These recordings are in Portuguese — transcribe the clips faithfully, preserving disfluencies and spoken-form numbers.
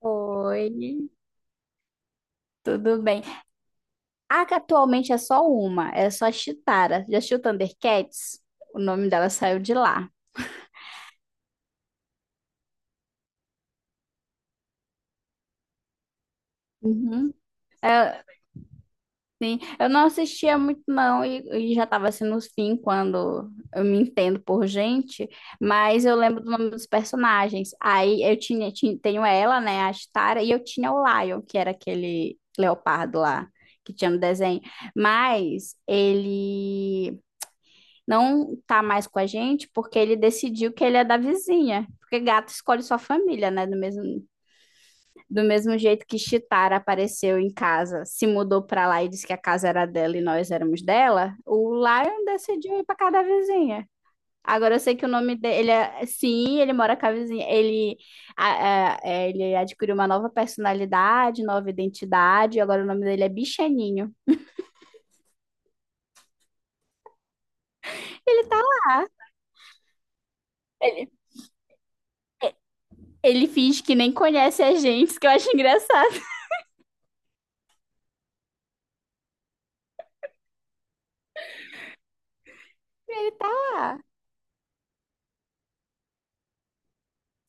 Oi, tudo bem? A que atualmente é só uma, é só a Chitara. Já assistiu Thundercats? O nome dela saiu de lá. Uhum. É, sim, eu não assistia muito não e, e já estava assim nos fim quando eu me entendo por gente, mas eu lembro do nome dos personagens. Aí eu tinha, ti- tenho ela, né, a Chitara, e eu tinha o Lion, que era aquele leopardo lá que tinha no desenho, mas ele não tá mais com a gente porque ele decidiu que ele é da vizinha. Porque gato escolhe sua família, né? Do mesmo, do mesmo jeito que Chitara apareceu em casa, se mudou pra lá e disse que a casa era dela e nós éramos dela, o Lion decidiu ir pra casa da vizinha. Agora eu sei que o nome dele é. Sim, ele mora com a vizinha. Ele, a- a- é, ele adquiriu uma nova personalidade, nova identidade. Agora o nome dele é Bichaninho. Ele, tá, ele finge que nem conhece a gente, que eu acho engraçado. Ele tá lá.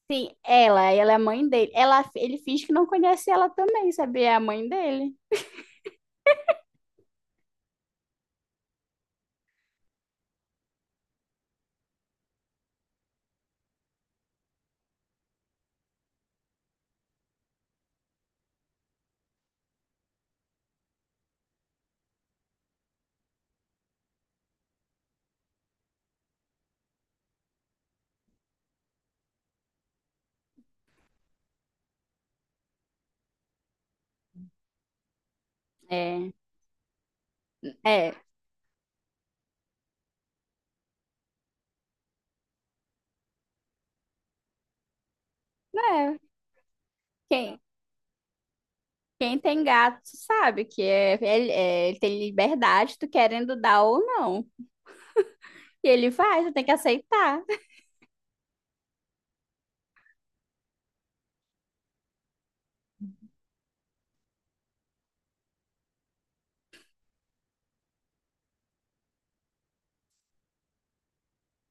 Sim, ela, ela é a mãe dele. Ela, ele finge que não conhece ela também, sabia? É a mãe dele. É, é, né? Quem, quem tem gato sabe que é, ele, é, ele tem liberdade, tu querendo dar ou não. E ele vai, tu tem que aceitar.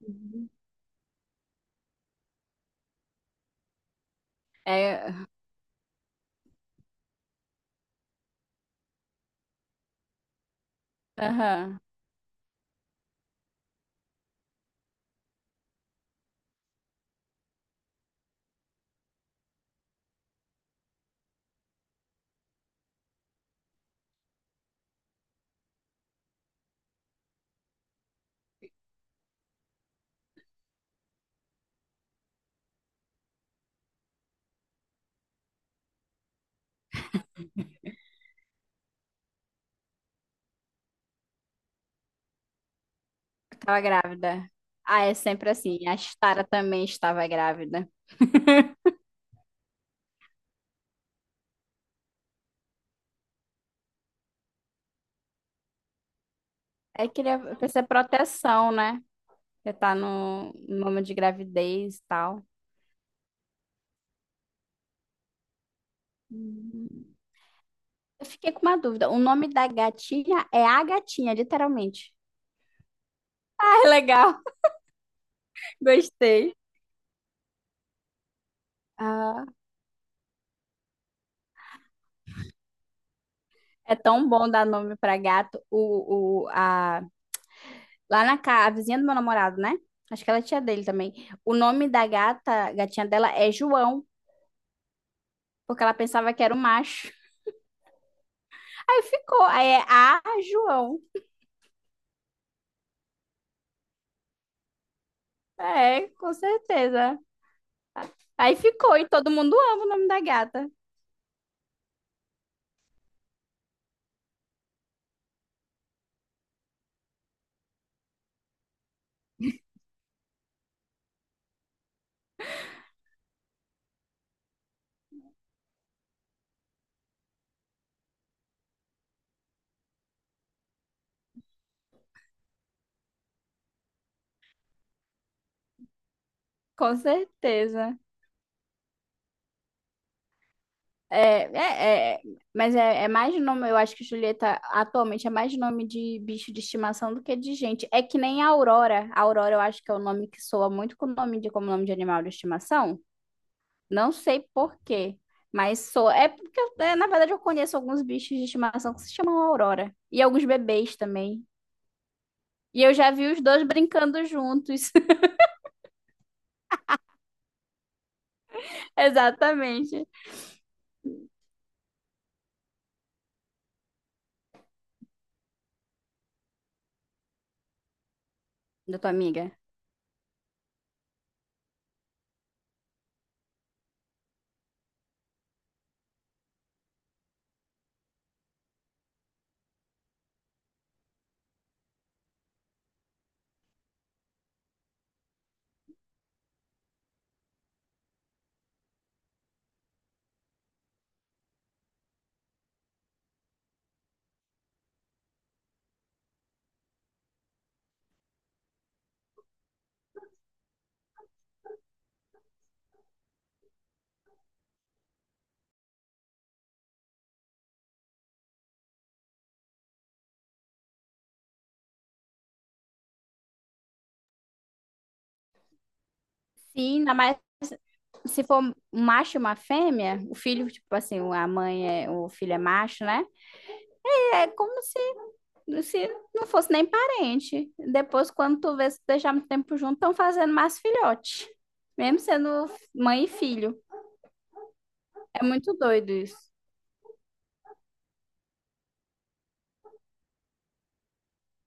Uhum. É, aham, eu tava grávida. Ah, é sempre assim. A Stara também estava grávida. É que ele é, precisa de proteção, né? Você tá no no momento de gravidez e tal. Uhum. Eu fiquei com uma dúvida. O nome da gatinha é a gatinha, literalmente. Ah, é legal. Gostei. Ah, é tão bom dar nome pra gato. O, o, a... Lá na casa, a vizinha do meu namorado, né? Acho que ela é tia dele também. O nome da gata, gatinha dela é João, porque ela pensava que era um macho. Aí ficou. Aí é a João. É, com certeza. Aí ficou, e todo mundo ama o nome da gata. Com certeza. É, é, é, mas é, é mais nome, eu acho que Julieta atualmente é mais nome de bicho de estimação do que de gente. É que nem a Aurora. A Aurora eu acho que é o nome que soa muito com o nome de, como nome de animal de estimação. Não sei por quê, mas soa. É porque, eu- é, na verdade, eu conheço alguns bichos de estimação que se chamam Aurora. E alguns bebês também. E eu já vi os dois brincando juntos. Exatamente. Da tua amiga. Sim, ainda mais. Se for um macho e uma fêmea, o filho, tipo assim, a mãe é, o filho é macho, né? E é como se, se não fosse nem parente. Depois, quando tu vê se deixar muito tempo junto, estão fazendo mais filhote. Mesmo sendo mãe e filho. É muito doido isso.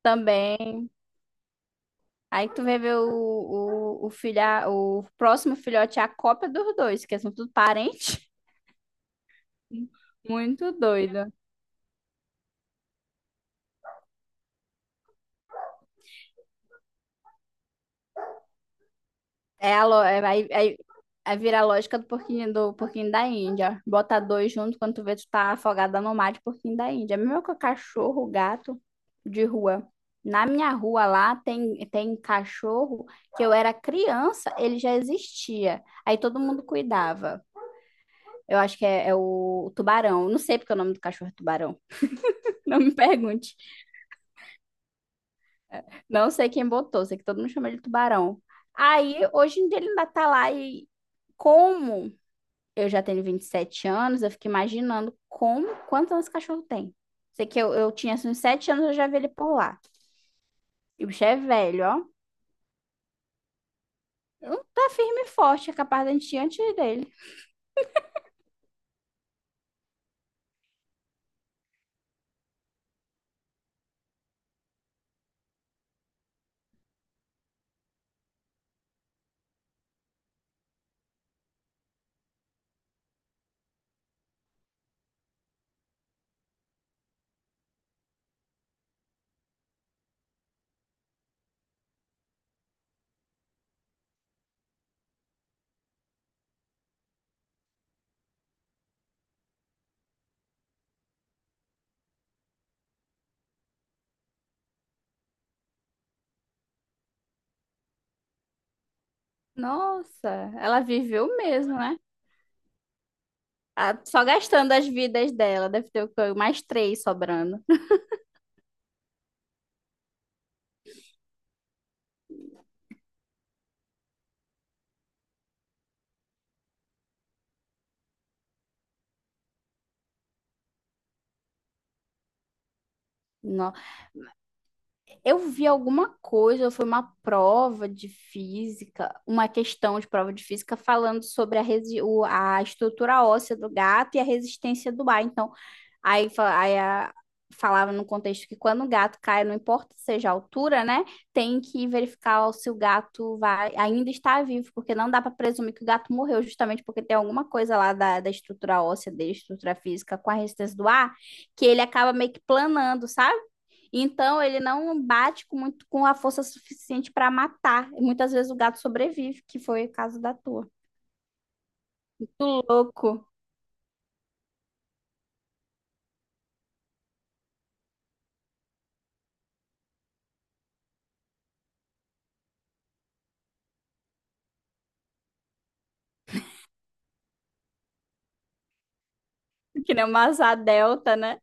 Também. Aí tu vê ver o, o, o filho, o próximo filhote é a cópia dos dois, que são tudo parente. Muito doido. É a lo... é- aí, aí, aí vira a lógica do porquinho, do porquinho, da Índia. Bota dois junto quando tu vê tu tá afogada no mar de porquinho da Índia. É a mesma cachorro, gato de rua. Na minha rua lá tem, tem cachorro que eu era criança, ele já existia. Aí todo mundo cuidava. Eu acho que é, é o tubarão. Não sei porque o nome do cachorro é tubarão. Não me pergunte. Não sei quem botou, sei que todo mundo chama ele de tubarão. Aí, hoje em dia ele ainda tá lá e como? Eu já tenho vinte e sete anos, eu fico imaginando como, quantos anos o cachorro tem. Sei que eu, eu tinha assim, uns sete anos, eu já vi ele por lá. E o bicho é velho, ó. Não tá firme e forte, é capaz da gente ir antes dele. Nossa, ela viveu mesmo, né? Ah, só gastando as vidas dela, deve ter o quê? Mais três sobrando. Nossa. Eu vi alguma coisa, foi uma prova de física, uma questão de prova de física falando sobre a, resi- o- a estrutura óssea do gato e a resistência do ar. Então, aí, fa- aí a- falava no contexto que quando o gato cai, não importa seja a altura, né? Tem que verificar se o gato vai, ainda está vivo, porque não dá para presumir que o gato morreu, justamente porque tem alguma coisa lá da, da estrutura óssea dele, estrutura física com a resistência do ar, que ele acaba meio que planando, sabe? Então, ele não bate com muito com a força suficiente para matar. E muitas vezes o gato sobrevive, que foi o caso da tua. Muito louco. Que nem uma asa delta, né?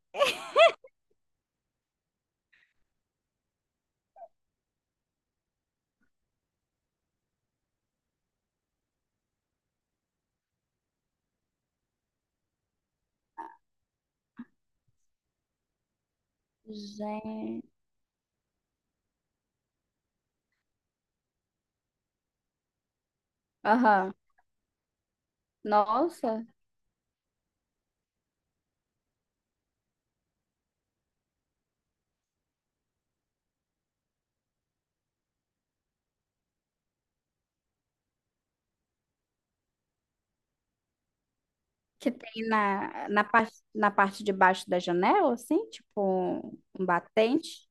Gente. Aham. Nossa. Que tem na, na, parte, na parte de baixo da janela, assim, tipo um batente.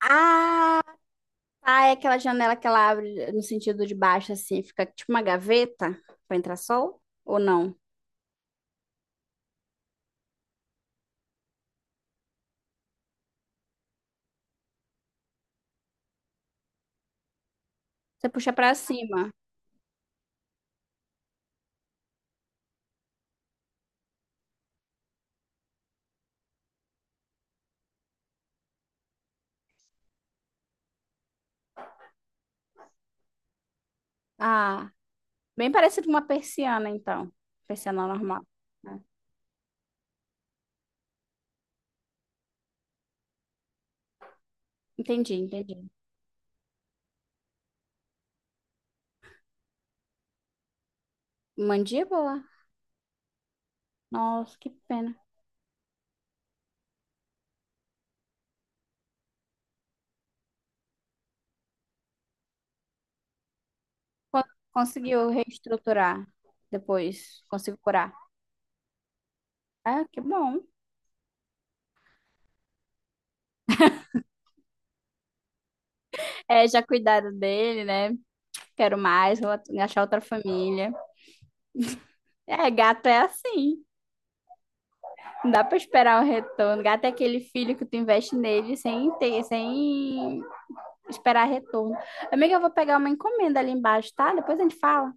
Ah, tá, é aquela janela que ela abre no sentido de baixo, assim, fica tipo uma gaveta para entrar sol? Ou não? Você puxa para cima. Ah. Bem parecido com uma persiana, então. Persiana normal, né? Entendi, entendi. Mandíbula? Nossa, que pena. Con- Conseguiu reestruturar depois, conseguiu curar. Ah, que bom. É, já cuidaram dele, né? Quero mais, vou achar outra família. É, gato é assim. Não dá pra esperar o retorno. Gato é aquele filho que tu investe nele sem ter, sem esperar retorno. Amiga, eu vou pegar uma encomenda ali embaixo, tá? Depois a gente fala.